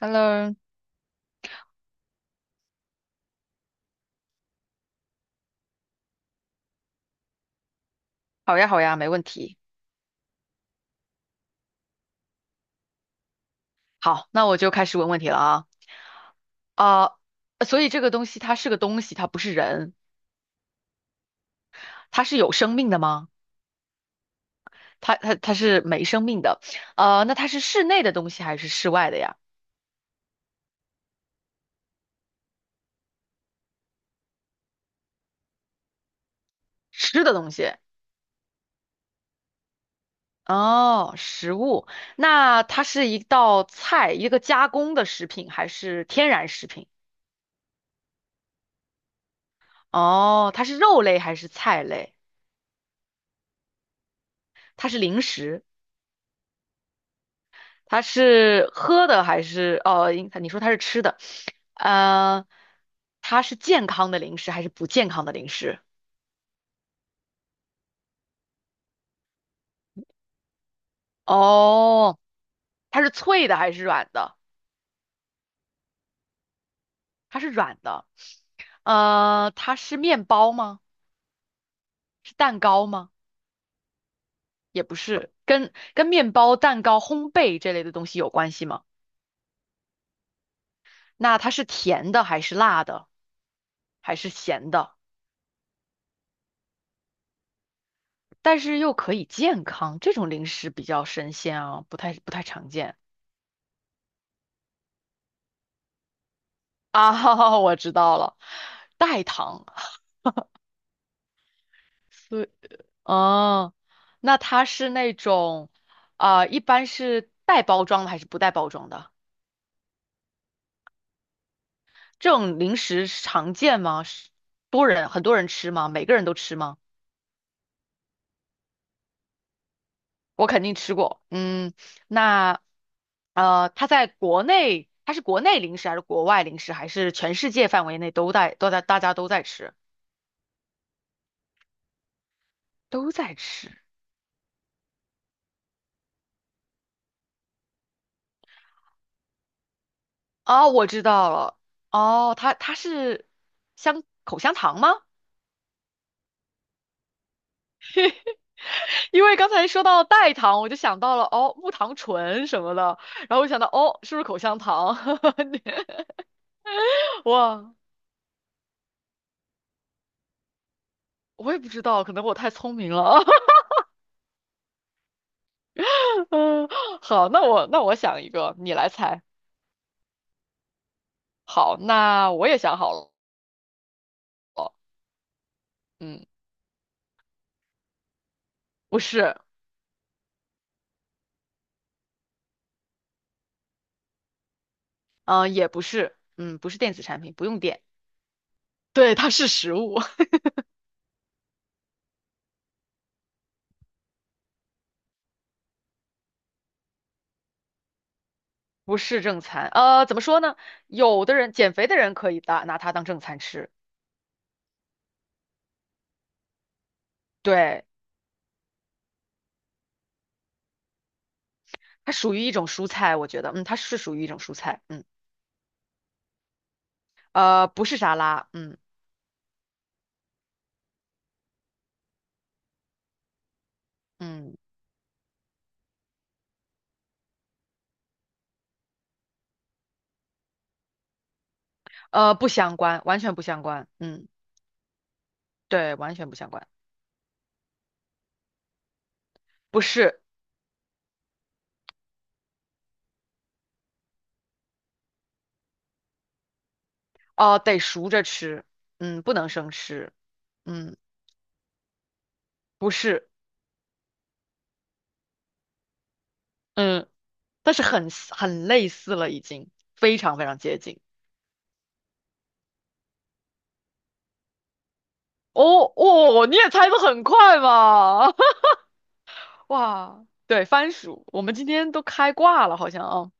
Hello，好呀，好呀，没问题。好，那我就开始问问题了啊。啊、所以这个东西它是个东西，它不是人，它是有生命的吗？它是没生命的。那它是室内的东西还是室外的呀？吃的东西。哦，食物。那它是一道菜，一个加工的食品还是天然食品？哦，它是肉类还是菜类？它是零食。它是喝的还是哦？应你说它是吃的，呃，它是健康的零食还是不健康的零食？哦，它是脆的还是软的？它是软的。它是面包吗？是蛋糕吗？也不是，跟面包、蛋糕、烘焙这类的东西有关系吗？那它是甜的还是辣的还是咸的？但是又可以健康，这种零食比较神仙啊，不太常见。啊，我知道了，代糖，所哦，那它是那种，一般是带包装的还是不带包装的？这种零食常见吗？是多人很多人吃吗？每个人都吃吗？我肯定吃过。嗯，那它在国内，它是国内零食还是国外零食，还是全世界范围内都在都在大家都在吃，都在吃？哦，我知道了。哦，它是口香糖吗？因为刚才说到代糖，我就想到了哦，木糖醇什么的，然后我想到哦，是不是口香糖？哇，我也不知道，可能我太聪明了。嗯，好，那我想一个，你来猜。好，那我也想好了。嗯，不是，嗯、也不是，嗯，不是电子产品，不用电。对，它是食物。不是正餐，怎么说呢？有的人减肥的人可以拿它当正餐吃，对，它属于一种蔬菜，我觉得，它是属于一种蔬菜，嗯，不是沙拉，嗯嗯，不相关，完全不相关，嗯，对，完全不相关，不是，哦、得熟着吃，嗯，不能生吃，嗯，不是，嗯，但是很类似了，已经非常非常接近，哦哦，你也猜得很快嘛，哇，对，番薯，我们今天都开挂了，好像啊，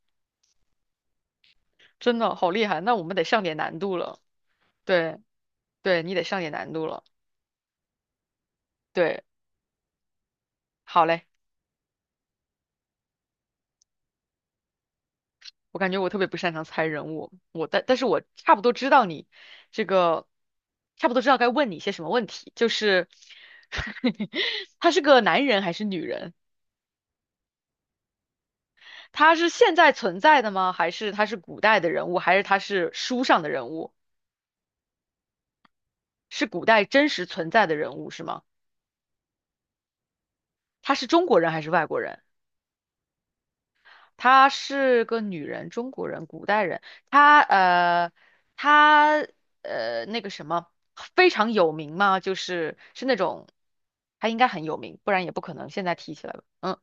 真的好厉害。那我们得上点难度了，对，对你得上点难度了，对，好嘞。我感觉我特别不擅长猜人物，我但是我差不多知道你这个，差不多知道该问你些什么问题，就是 他是个男人还是女人？他是现在存在的吗？还是他是古代的人物？还是他是书上的人物？是古代真实存在的人物是吗？他是中国人还是外国人？她是个女人，中国人，古代人。她呃，她那个什么，非常有名嘛，就是那种，她应该很有名，不然也不可能现在提起来了。嗯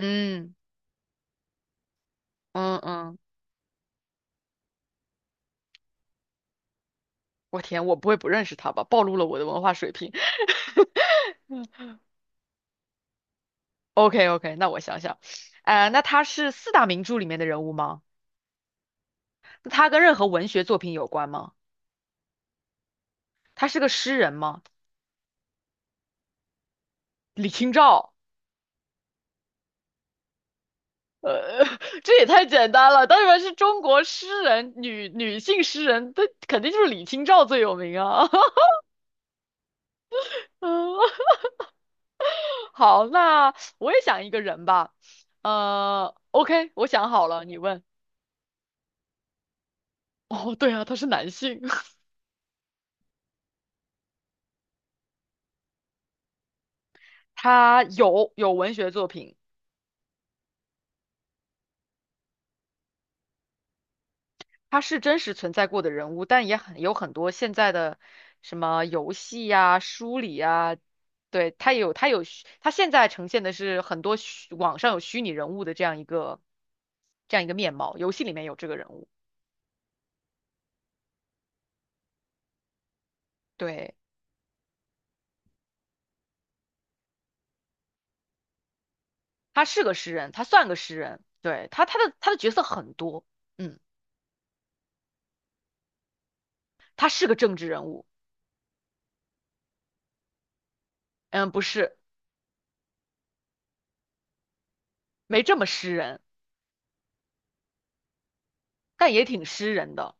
嗯嗯嗯，我天，我不会不认识她吧？暴露了我的文化水平。OK OK，那我想想，那她是四大名著里面的人物吗？那她跟任何文学作品有关吗？她是个诗人吗？李清照。呃，这也太简单了。当然是中国诗人，女性诗人，她肯定就是李清照最有名啊。嗯，好，那我也想一个人吧。OK，我想好了，你问。哦，对啊，他是男性，他有文学作品。他是真实存在过的人物，但也很多现在的什么游戏呀、书里呀，对，他有他有虚他现在呈现的是很多网上有虚拟人物的这样一个面貌，游戏里面有这个人物，对，他是个诗人，他算个诗人，对，他的角色很多，嗯，他是个政治人物，嗯，不是，没这么诗人，但也挺诗人的，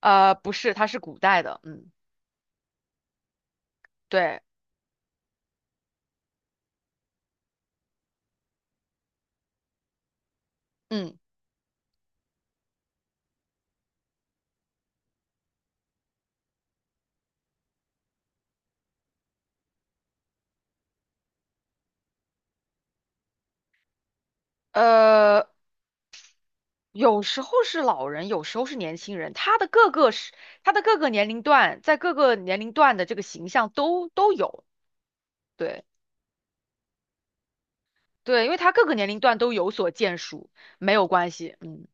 不是，他是古代的，嗯，对，嗯。呃，有时候是老人，有时候是年轻人，他的各个年龄段，在各个年龄段的这个形象都有，对对，因为他各个年龄段都有所建树，没有关系，嗯，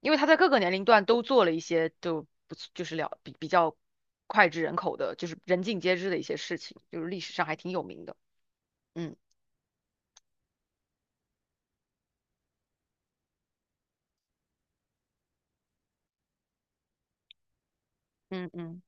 因为他在各个年龄段都做了一些就不就是了比较脍炙人口的，就是人尽皆知的一些事情，就是历史上还挺有名的，嗯嗯嗯。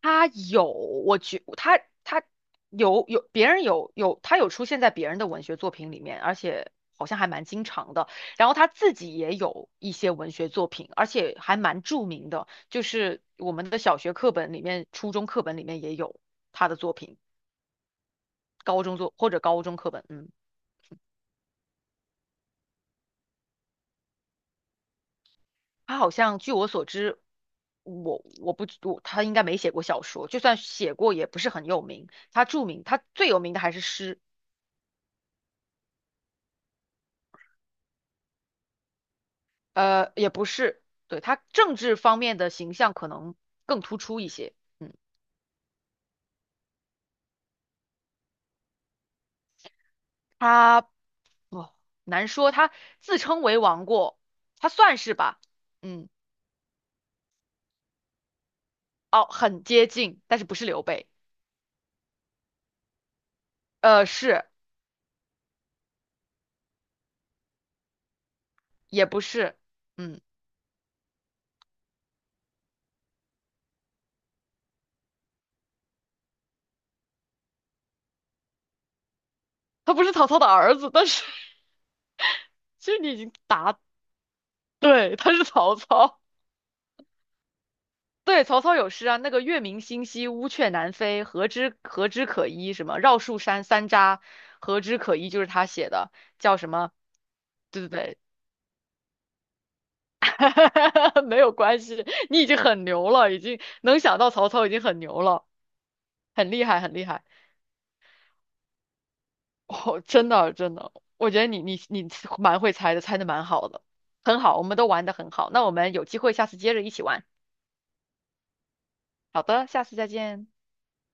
他有，我觉他他有有别人有有他有出现在别人的文学作品里面，而且好像还蛮经常的。然后他自己也有一些文学作品，而且还蛮著名的，就是我们的小学课本里面、初中课本里面也有他的作品，高中作或者高中课本，嗯，他好像据我所知。我我不我他应该没写过小说，就算写过也不是很有名。他著名，他最有名的还是诗。也不是，对，他政治方面的形象可能更突出一些。嗯，他哦，难说，他自称为王过，他算是吧。嗯，哦，很接近，但是不是刘备。是，也不是。嗯，他不是曹操的儿子，但是 其实你已经答对，他是曹操。对，曹操有诗啊，那个月明星稀，乌鹊南飞，何枝可依？什么绕树山三匝，何枝可依？就是他写的，叫什么？对对对，没有关系，你已经很牛了，已经能想到曹操已经很牛了，很厉害，很厉害。哦，真的真的，我觉得你蛮会猜的，猜的蛮好的，很好，我们都玩的很好。那我们有机会下次接着一起玩。好的，下次再见。